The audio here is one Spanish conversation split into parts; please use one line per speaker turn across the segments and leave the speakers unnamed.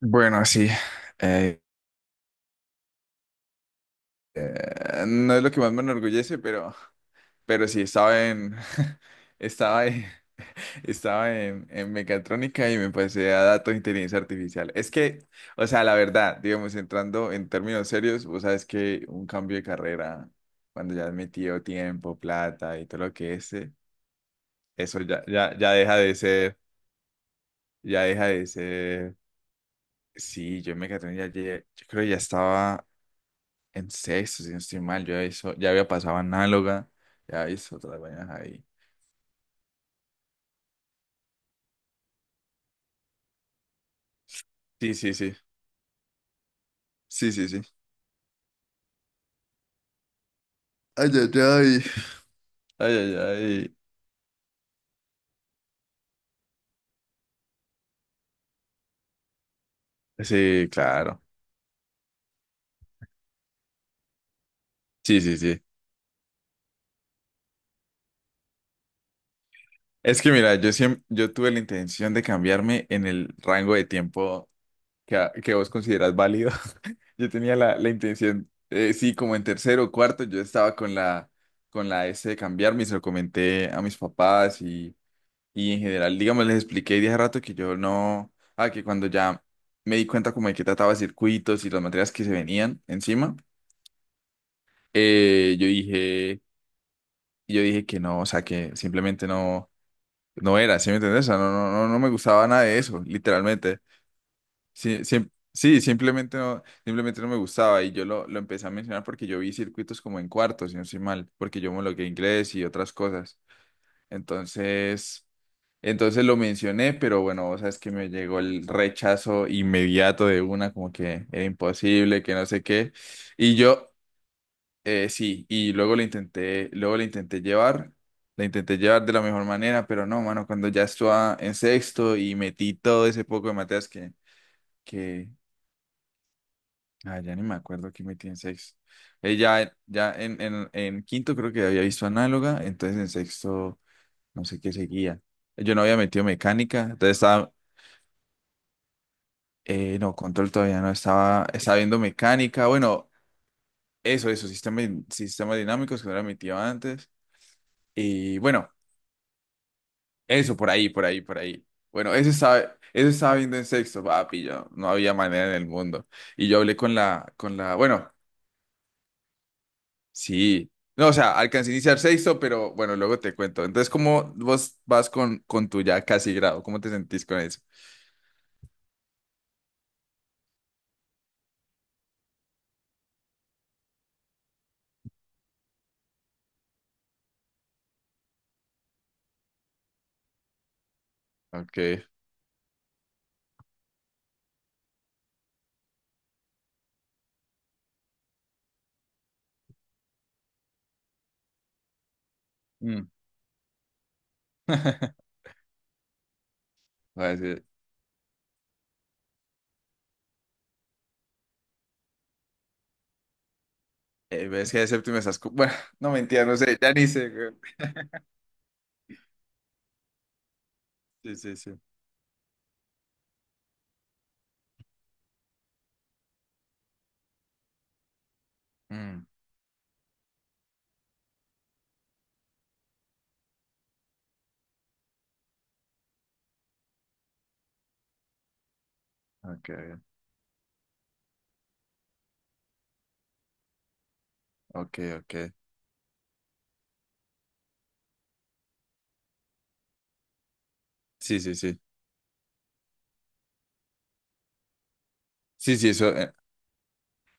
Bueno, sí. eh, no es lo que más me enorgullece, pero sí, estaba en, estaba en, estaba en mecatrónica y me pasé a datos de inteligencia artificial. Es que, o sea, la verdad, digamos, entrando en términos serios, vos sabes que un cambio de carrera, cuando ya has metido tiempo, plata y todo lo que es, eso ya deja de ser. Sí, yo en mecatrónica, ya, yo creo que ya estaba en sexto, si no estoy mal, yo ya hizo, ya había pasado análoga, ya hizo otras vainas ahí. Sí, sí, sí. Sí, sí, sí. Ay, ay, ay. Ay, ay, ay. Sí, claro. Sí, sí, sí. Es que mira, yo siempre yo tuve la intención de cambiarme en el rango de tiempo que vos consideras válido. Yo tenía la intención, sí, como en tercero o cuarto, yo estaba con la S de cambiarme y se lo comenté a mis papás. Y en general, digamos, les expliqué de hace rato que yo no, que cuando ya me di cuenta como de qué trataba circuitos y las materias que se venían encima, eh, yo dije, yo dije que no, o sea, que simplemente no, no era. ¿Sí me entendés? O sea, no, no, no, no me gustaba nada de eso, literalmente. Sí, sí, simplemente no me gustaba y yo lo empecé a mencionar porque yo vi circuitos como en cuartos, si no estoy mal, porque yo homologué inglés y otras cosas. Entonces, entonces, lo mencioné, pero bueno, vos sabes que me llegó el rechazo inmediato de una, como que era imposible, que no sé qué. Y yo, sí, y luego lo intenté, luego la intenté llevar, de la mejor manera, pero no, mano, cuando ya estaba en sexto y metí todo ese poco de materias que, ya ni me acuerdo que metí en sexto. Ya en quinto creo que había visto análoga, entonces en sexto no sé qué seguía. Yo no había metido mecánica, entonces estaba, no, control todavía no, estaba viendo mecánica, bueno, eso, sistemas dinámicos que no había metido antes, y bueno, eso, por ahí, por ahí, por ahí. Bueno, eso estaba viendo en sexto, papi, yo, no había manera en el mundo. Y yo hablé bueno, sí, no, o sea, alcancé a iniciar sexto, pero bueno, luego te cuento. Entonces, ¿cómo vos vas con tu ya casi grado? ¿Cómo te sentís con eso? Ok. Mm. Va a decir, ves que séptima esas, bueno, no mentira, no sé, ya ni sé, güey. Sí, sí, sí. Mm. Ok, ok, ok. Sí, sí, sí. Sí, sí, eso.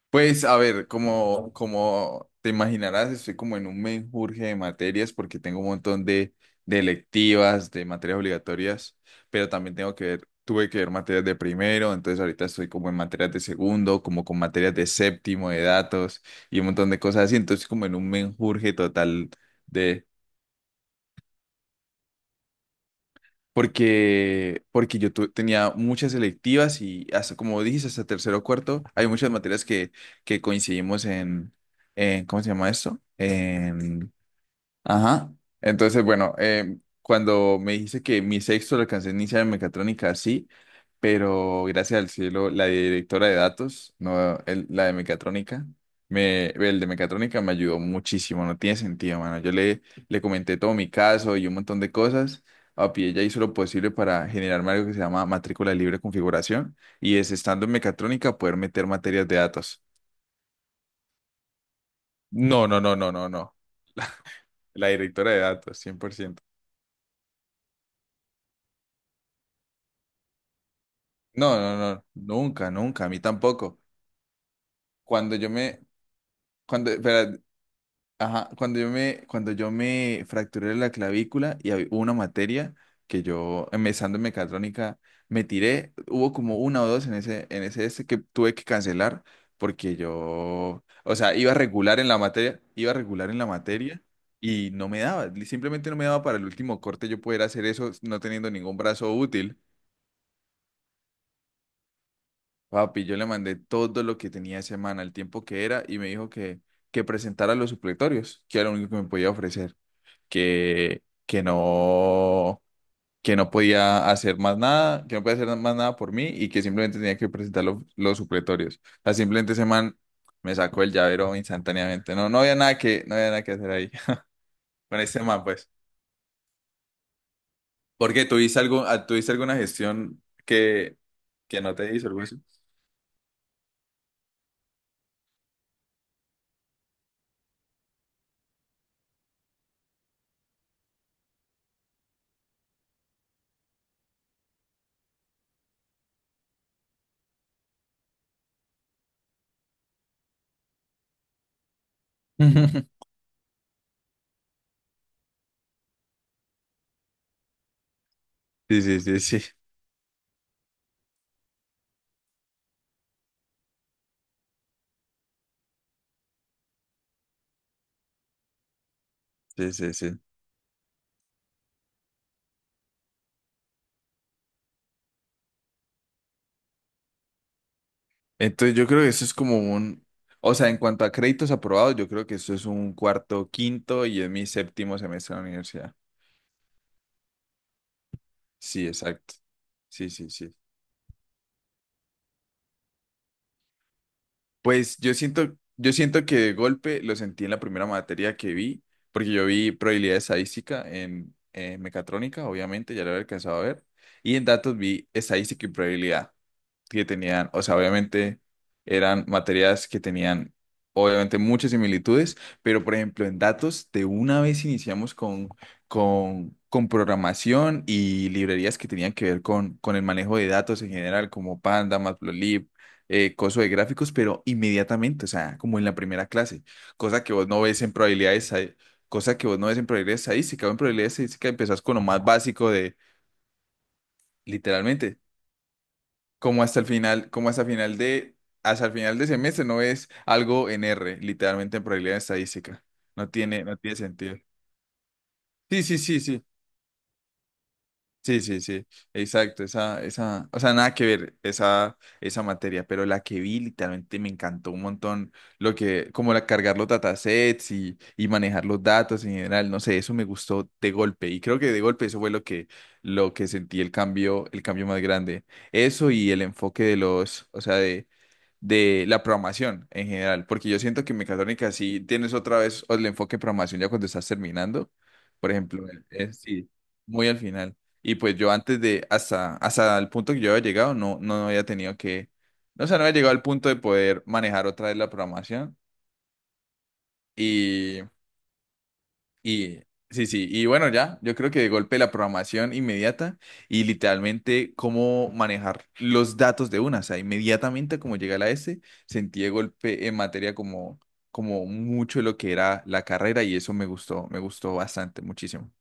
Pues a ver, como, como te imaginarás, estoy como en un menjurje de materias porque tengo un montón de electivas, de materias obligatorias, pero también tengo que ver, tuve que ver materias de primero, entonces ahorita estoy como en materias de segundo, como con materias de séptimo, de datos y un montón de cosas así, entonces como en un menjurje total porque yo tenía muchas electivas y hasta, como dijiste, hasta tercero o cuarto, hay muchas materias que coincidimos en, ¿cómo se llama esto? Ajá. Entonces, bueno, cuando me dijiste que mi sexto lo alcancé en ciencia de mecatrónica, sí, pero gracias al cielo, la directora de datos, no la de mecatrónica, el de mecatrónica me ayudó muchísimo, no tiene sentido, mano. Yo le, le comenté todo mi caso y un montón de cosas. Papi, ella hizo lo posible para generarme algo que se llama matrícula libre de configuración y es estando en mecatrónica poder meter materias de datos. No, no, no, no, no, no. La directora de datos, 100%. No, no, no, nunca, nunca, a mí tampoco. Cuando yo me, cuando, espera, ajá, cuando yo me fracturé la clavícula y hubo una materia que yo, empezando en mecatrónica, me tiré, hubo como una o dos en ese este que tuve que cancelar porque yo, o sea, iba regular en la materia, iba regular en la materia y no me daba, simplemente no me daba para el último corte yo poder hacer eso no teniendo ningún brazo útil. Papi, yo le mandé todo lo que tenía ese man, el tiempo que era, y me dijo que presentara los supletorios, que era lo único que me podía ofrecer, que, que no, que no podía hacer más nada, que no podía hacer más nada por mí y que simplemente tenía que presentar los supletorios. O sea, simplemente ese man me sacó el llavero instantáneamente. No, no había nada que, no había nada que hacer ahí. Con ese man, pues. Porque tuviste algo, tuviste alguna gestión que no te hizo algo así. Sí, sí, sí, sí, sí, sí, sí. Entonces yo creo que eso es como un, o sea, en cuanto a créditos aprobados, yo creo que eso es un cuarto, quinto y es mi séptimo semestre en la universidad. Sí, exacto. Sí, sí, sí. Pues yo siento, que de golpe lo sentí en la primera materia que vi, porque yo vi probabilidad estadística en mecatrónica, obviamente, ya lo había alcanzado a ver, y en datos vi estadística y probabilidad. Que tenían, o sea, obviamente eran materias que tenían, obviamente, muchas similitudes, pero por ejemplo, en datos, de una vez iniciamos con programación y librerías que tenían que ver con el manejo de datos en general, como Panda, Matplotlib. Coso de gráficos, pero inmediatamente, o sea, como en la primera clase, cosa que vos no ves en probabilidades, cosa que vos no ves en probabilidades estadísticas, o en probabilidades estadísticas empezás con lo más básico de, literalmente como hasta el final de, hasta el final de semestre no es algo en R, literalmente en probabilidad estadística. No tiene, no tiene sentido. Sí, sí, sí, sí. Sí, sí, sí. Exacto. Esa, o sea, nada que ver esa materia. Pero la que vi literalmente me encantó un montón lo que, como la, cargar los datasets y manejar los datos en general. No sé, eso me gustó de golpe. Y creo que de golpe eso fue lo que sentí el cambio más grande. Eso y el enfoque de los, o sea, de la programación en general, porque yo siento que en mecatrónica sí tienes otra vez el enfoque de programación ya cuando estás terminando, por ejemplo, es, sí, muy al final. Y pues yo antes de, hasta el punto que yo había llegado, no, no había tenido que, no sé, no había llegado al punto de poder manejar otra vez la programación. y y sí, sí, y bueno, ya, yo creo que de golpe la programación inmediata y literalmente cómo manejar los datos de una, o sea, inmediatamente como llegué a la S, sentí de golpe en materia como mucho lo que era la carrera y eso me gustó bastante, muchísimo.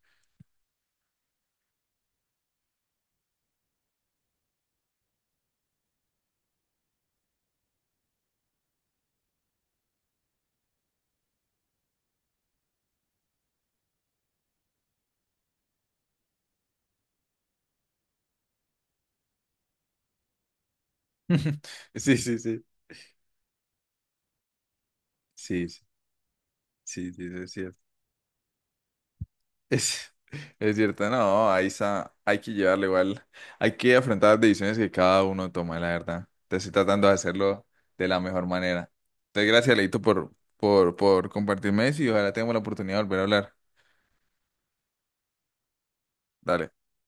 Sí, sí, sí. Sí, sí, sí, sí, sí, sí. Es, es cierto, no, ahí está, hay que llevarle igual, hay que afrontar las decisiones que cada uno toma, la verdad. Te estoy tratando de hacerlo de la mejor manera. Entonces, gracias, Leito, por compartirme eso y ojalá tengamos la oportunidad de volver a hablar. Dale.